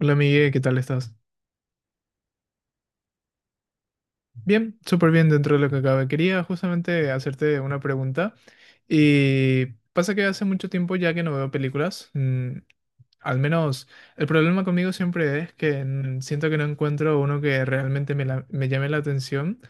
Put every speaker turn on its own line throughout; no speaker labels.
Hola Miguel, ¿qué tal estás? Bien, súper bien dentro de lo que cabe. Quería justamente hacerte una pregunta y pasa que hace mucho tiempo ya que no veo películas. Al menos el problema conmigo siempre es que siento que no encuentro uno que realmente me llame la atención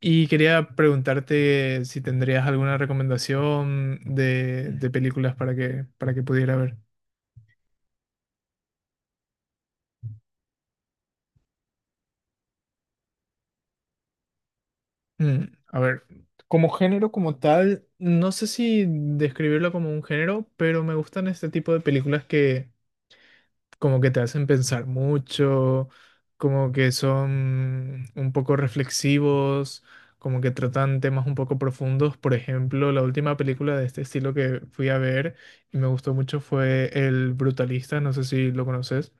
y quería preguntarte si tendrías alguna recomendación de películas para que pudiera ver. Mm, a ver, como género como tal, no sé si describirlo como un género, pero me gustan este tipo de películas que como que te hacen pensar mucho, como que son un poco reflexivos, como que tratan temas un poco profundos. Por ejemplo, la última película de este estilo que fui a ver y me gustó mucho fue El Brutalista, no sé si lo conoces.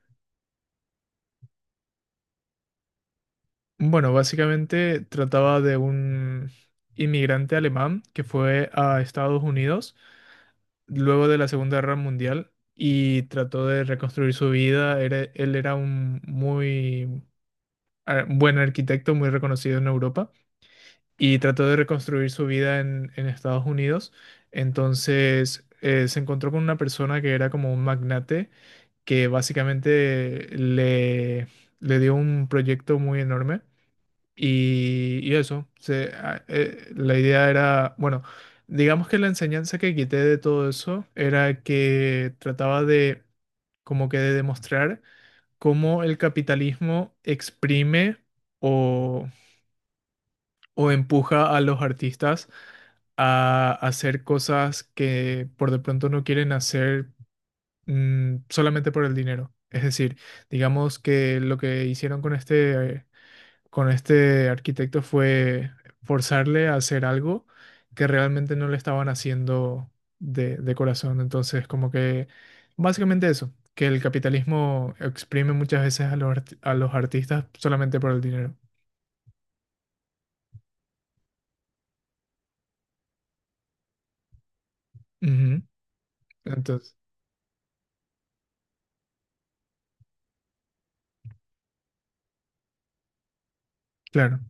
Bueno, básicamente trataba de un inmigrante alemán que fue a Estados Unidos luego de la Segunda Guerra Mundial y trató de reconstruir su vida. Él era un muy buen arquitecto, muy reconocido en Europa, y trató de reconstruir su vida en Estados Unidos. Entonces, se encontró con una persona que era como un magnate, que básicamente le dio un proyecto muy enorme y eso, la idea era, bueno, digamos que la enseñanza que quité de todo eso era que trataba de, como que de demostrar cómo el capitalismo exprime o, o empuja a los artistas a hacer cosas que por de pronto no quieren hacer solamente por el dinero. Es decir, digamos que lo que hicieron con este arquitecto fue forzarle a hacer algo que realmente no le estaban haciendo de corazón. Entonces, como que básicamente eso, que el capitalismo exprime muchas veces a a los artistas solamente por el dinero. Ujú. Entonces, claro.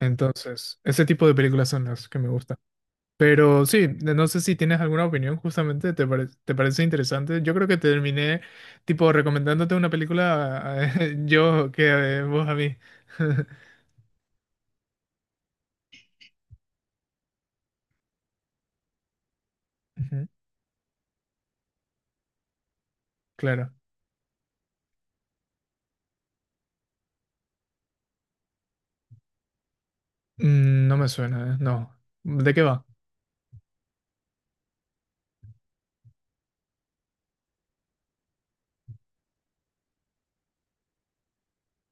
Entonces, ese tipo de películas son las que me gustan. Pero sí, no sé si tienes alguna opinión justamente, te parece interesante? Yo creo que terminé tipo recomendándote una película yo que vos a mí. Ujú. Claro. Mm, no me suena, no. ¿De qué va?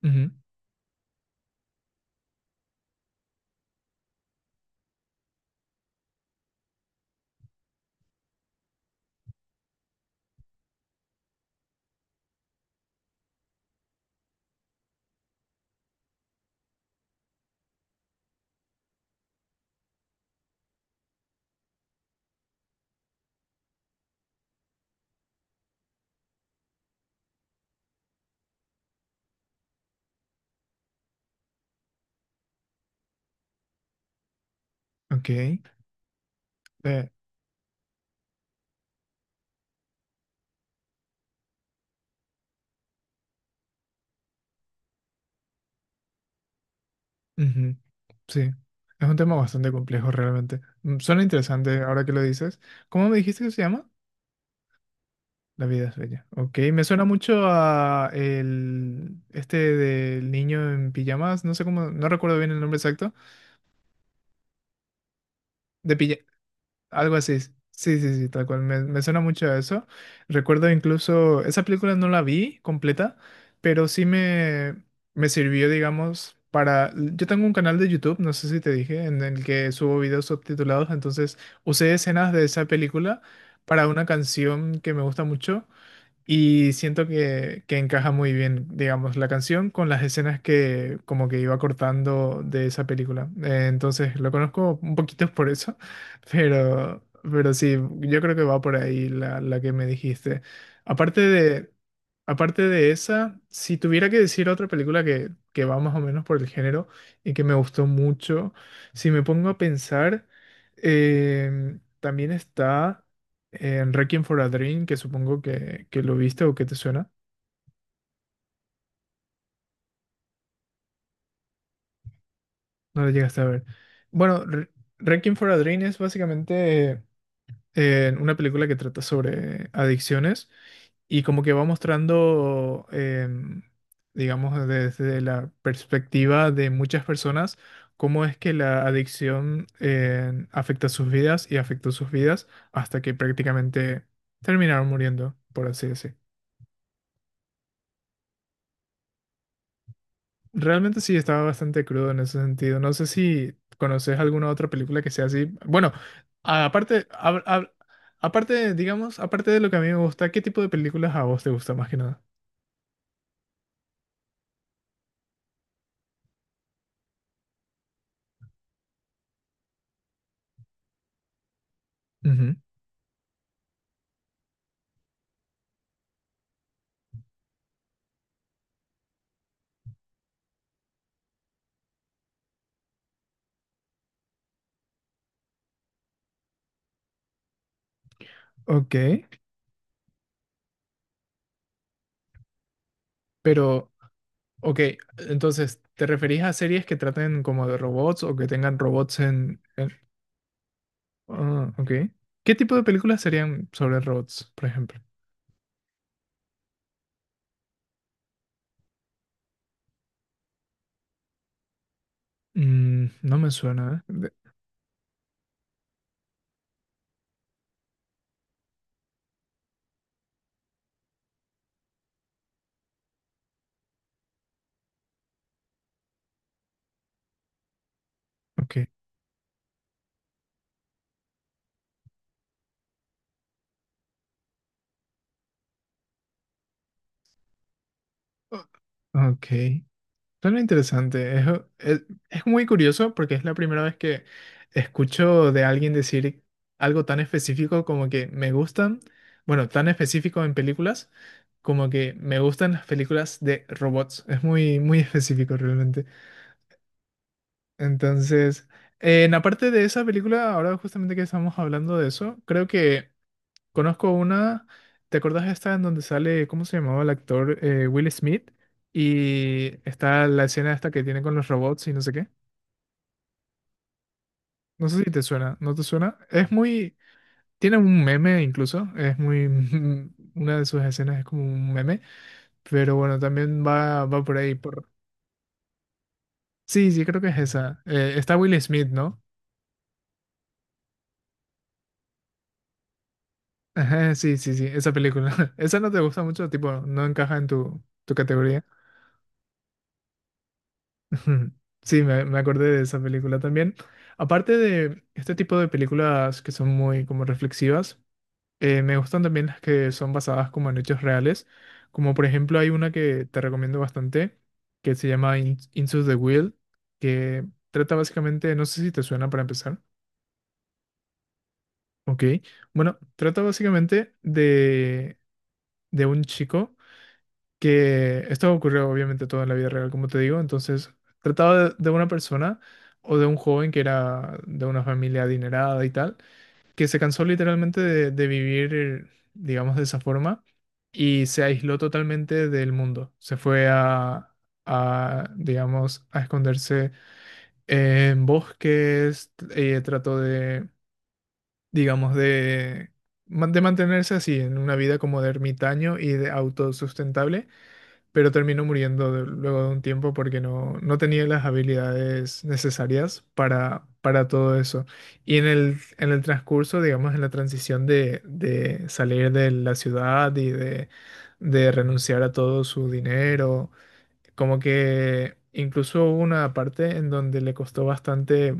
Ujú. Ok. Ujú. Sí. Es un tema bastante complejo realmente. Mm, suena interesante ahora que lo dices. ¿Cómo me dijiste que se llama? La vida es bella. Ok, me suena mucho a el este del niño en pijamas, no sé cómo, no recuerdo bien el nombre exacto, de pilla, algo así. Sí, sí, sí, tal cual. Me suena mucho a eso. Recuerdo incluso, esa película no la vi completa, pero sí me sirvió, digamos, para... Yo tengo un canal de YouTube, no sé si te dije, en el que subo videos subtitulados, entonces usé escenas de esa película para una canción que me gusta mucho. Y siento que encaja muy bien, digamos, la canción con las escenas que como que iba cortando de esa película. Entonces lo conozco un poquito por eso, pero sí, yo creo que va por ahí la que me dijiste. Aparte de, aparte de esa, si tuviera que decir otra película que va más o menos por el género y que me gustó mucho, si me pongo a pensar, em, también está en Requiem for a Dream, que supongo que lo viste o que te suena, no lo llegaste a ver. Bueno, Requiem for a Dream es básicamente una película que trata sobre adicciones y como que va mostrando, em, digamos, desde la perspectiva de muchas personas, cómo es que la adicción em, afecta sus vidas y afectó sus vidas hasta que prácticamente terminaron muriendo, por así decir. Realmente sí, estaba bastante crudo en ese sentido. No sé si conoces alguna otra película que sea así. Bueno, a- aparte, hab- hab- aparte, digamos, aparte de lo que a mí me gusta, ¿qué tipo de películas a vos te gusta más que nada? Ujú. Ok, pero, ok, entonces, ¿te referís a series que traten como de robots o que tengan robots en? Ah, ok. ¿Qué tipo de películas serían sobre robots, por ejemplo? Mm, no me suena, ¿eh? De- ok. Ok. Suena interesante. Es, es muy curioso porque es la primera vez que escucho de alguien decir algo tan específico como que me gustan, bueno, tan específico en películas, como que me gustan las películas de robots. Es muy, muy específico realmente. Entonces, en aparte de esa película, ahora justamente que estamos hablando de eso, creo que conozco una. ¿Te acordás de esta en donde sale, ¿cómo se llamaba el actor? Will Smith. Y está la escena esta que tiene con los robots y no sé qué. No sé si te suena, ¿no te suena? Es muy... Tiene un meme incluso, es muy... Una de sus escenas es como un meme, pero bueno, también va, va por ahí, por... Sí, sí, creo que es esa. Está Will Smith, ¿no? Ajá, sí, sí, sí, esa película. Esa no te gusta mucho, tipo, no encaja en tu, tu categoría. Ujú. Sí, me acordé de esa película también. Aparte de este tipo de películas que son muy como reflexivas, me gustan también las que son basadas como en hechos reales. Como por ejemplo hay una que te recomiendo bastante, que se llama Into the Wild, que trata básicamente, no sé si te suena para empezar. Ok, bueno, trata básicamente de un chico. Que esto ocurrió obviamente todo en la vida real, como te digo, entonces trataba de una persona o de un joven que era de una familia adinerada y tal, que se cansó literalmente de vivir, digamos, de esa forma y se aisló totalmente del mundo, se fue a, digamos, a esconderse en bosques, trató de, digamos, de, de mantenerse así, en una vida como de ermitaño y de autosustentable, pero terminó muriendo luego de un tiempo porque no, no tenía las habilidades necesarias para todo eso. Y en en el transcurso, digamos, en la transición de salir de la ciudad y de renunciar a todo su dinero, como que incluso hubo una parte en donde le costó bastante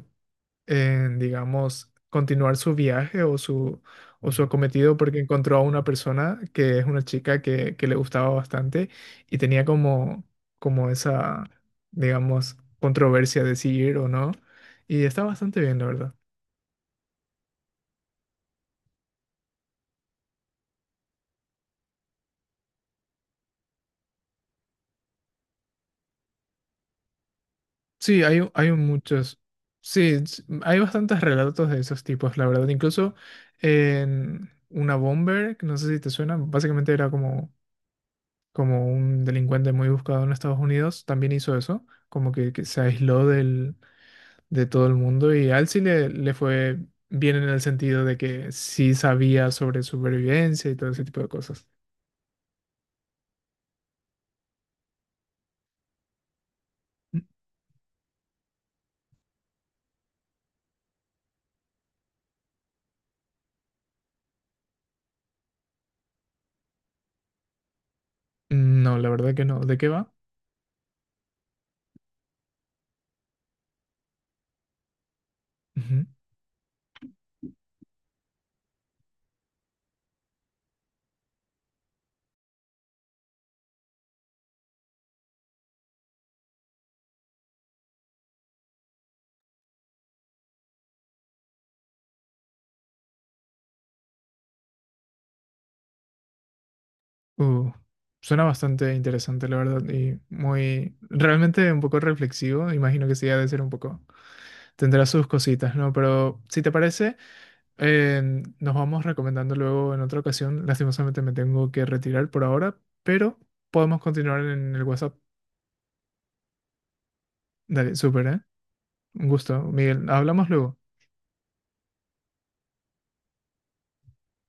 en, digamos, continuar su viaje o su acometido porque encontró a una persona que es una chica que le gustaba bastante y tenía como, como esa, digamos, controversia de si ir o no. Y está bastante bien, la verdad. Sí, hay muchos. Sí, hay bastantes relatos de esos tipos, la verdad. Incluso en una bomber, que no sé si te suena, básicamente era como como un delincuente muy buscado en Estados Unidos, también hizo eso, como que se aisló del, de todo el mundo y a él sí le fue bien en el sentido de que sí sabía sobre supervivencia y todo ese tipo de cosas. N- no, la verdad que no. ¿De qué va? Ujú. Uh, suena bastante interesante, la verdad, y muy, realmente un poco reflexivo, imagino que sí ha de ser un poco, tendrá sus cositas, ¿no? Pero si te parece... Eh, nos vamos recomendando luego en otra ocasión. Lastimosamente me tengo que retirar por ahora, pero podemos continuar en el WhatsApp. Dale, súper, ¿eh? Un gusto, Miguel. Hablamos luego.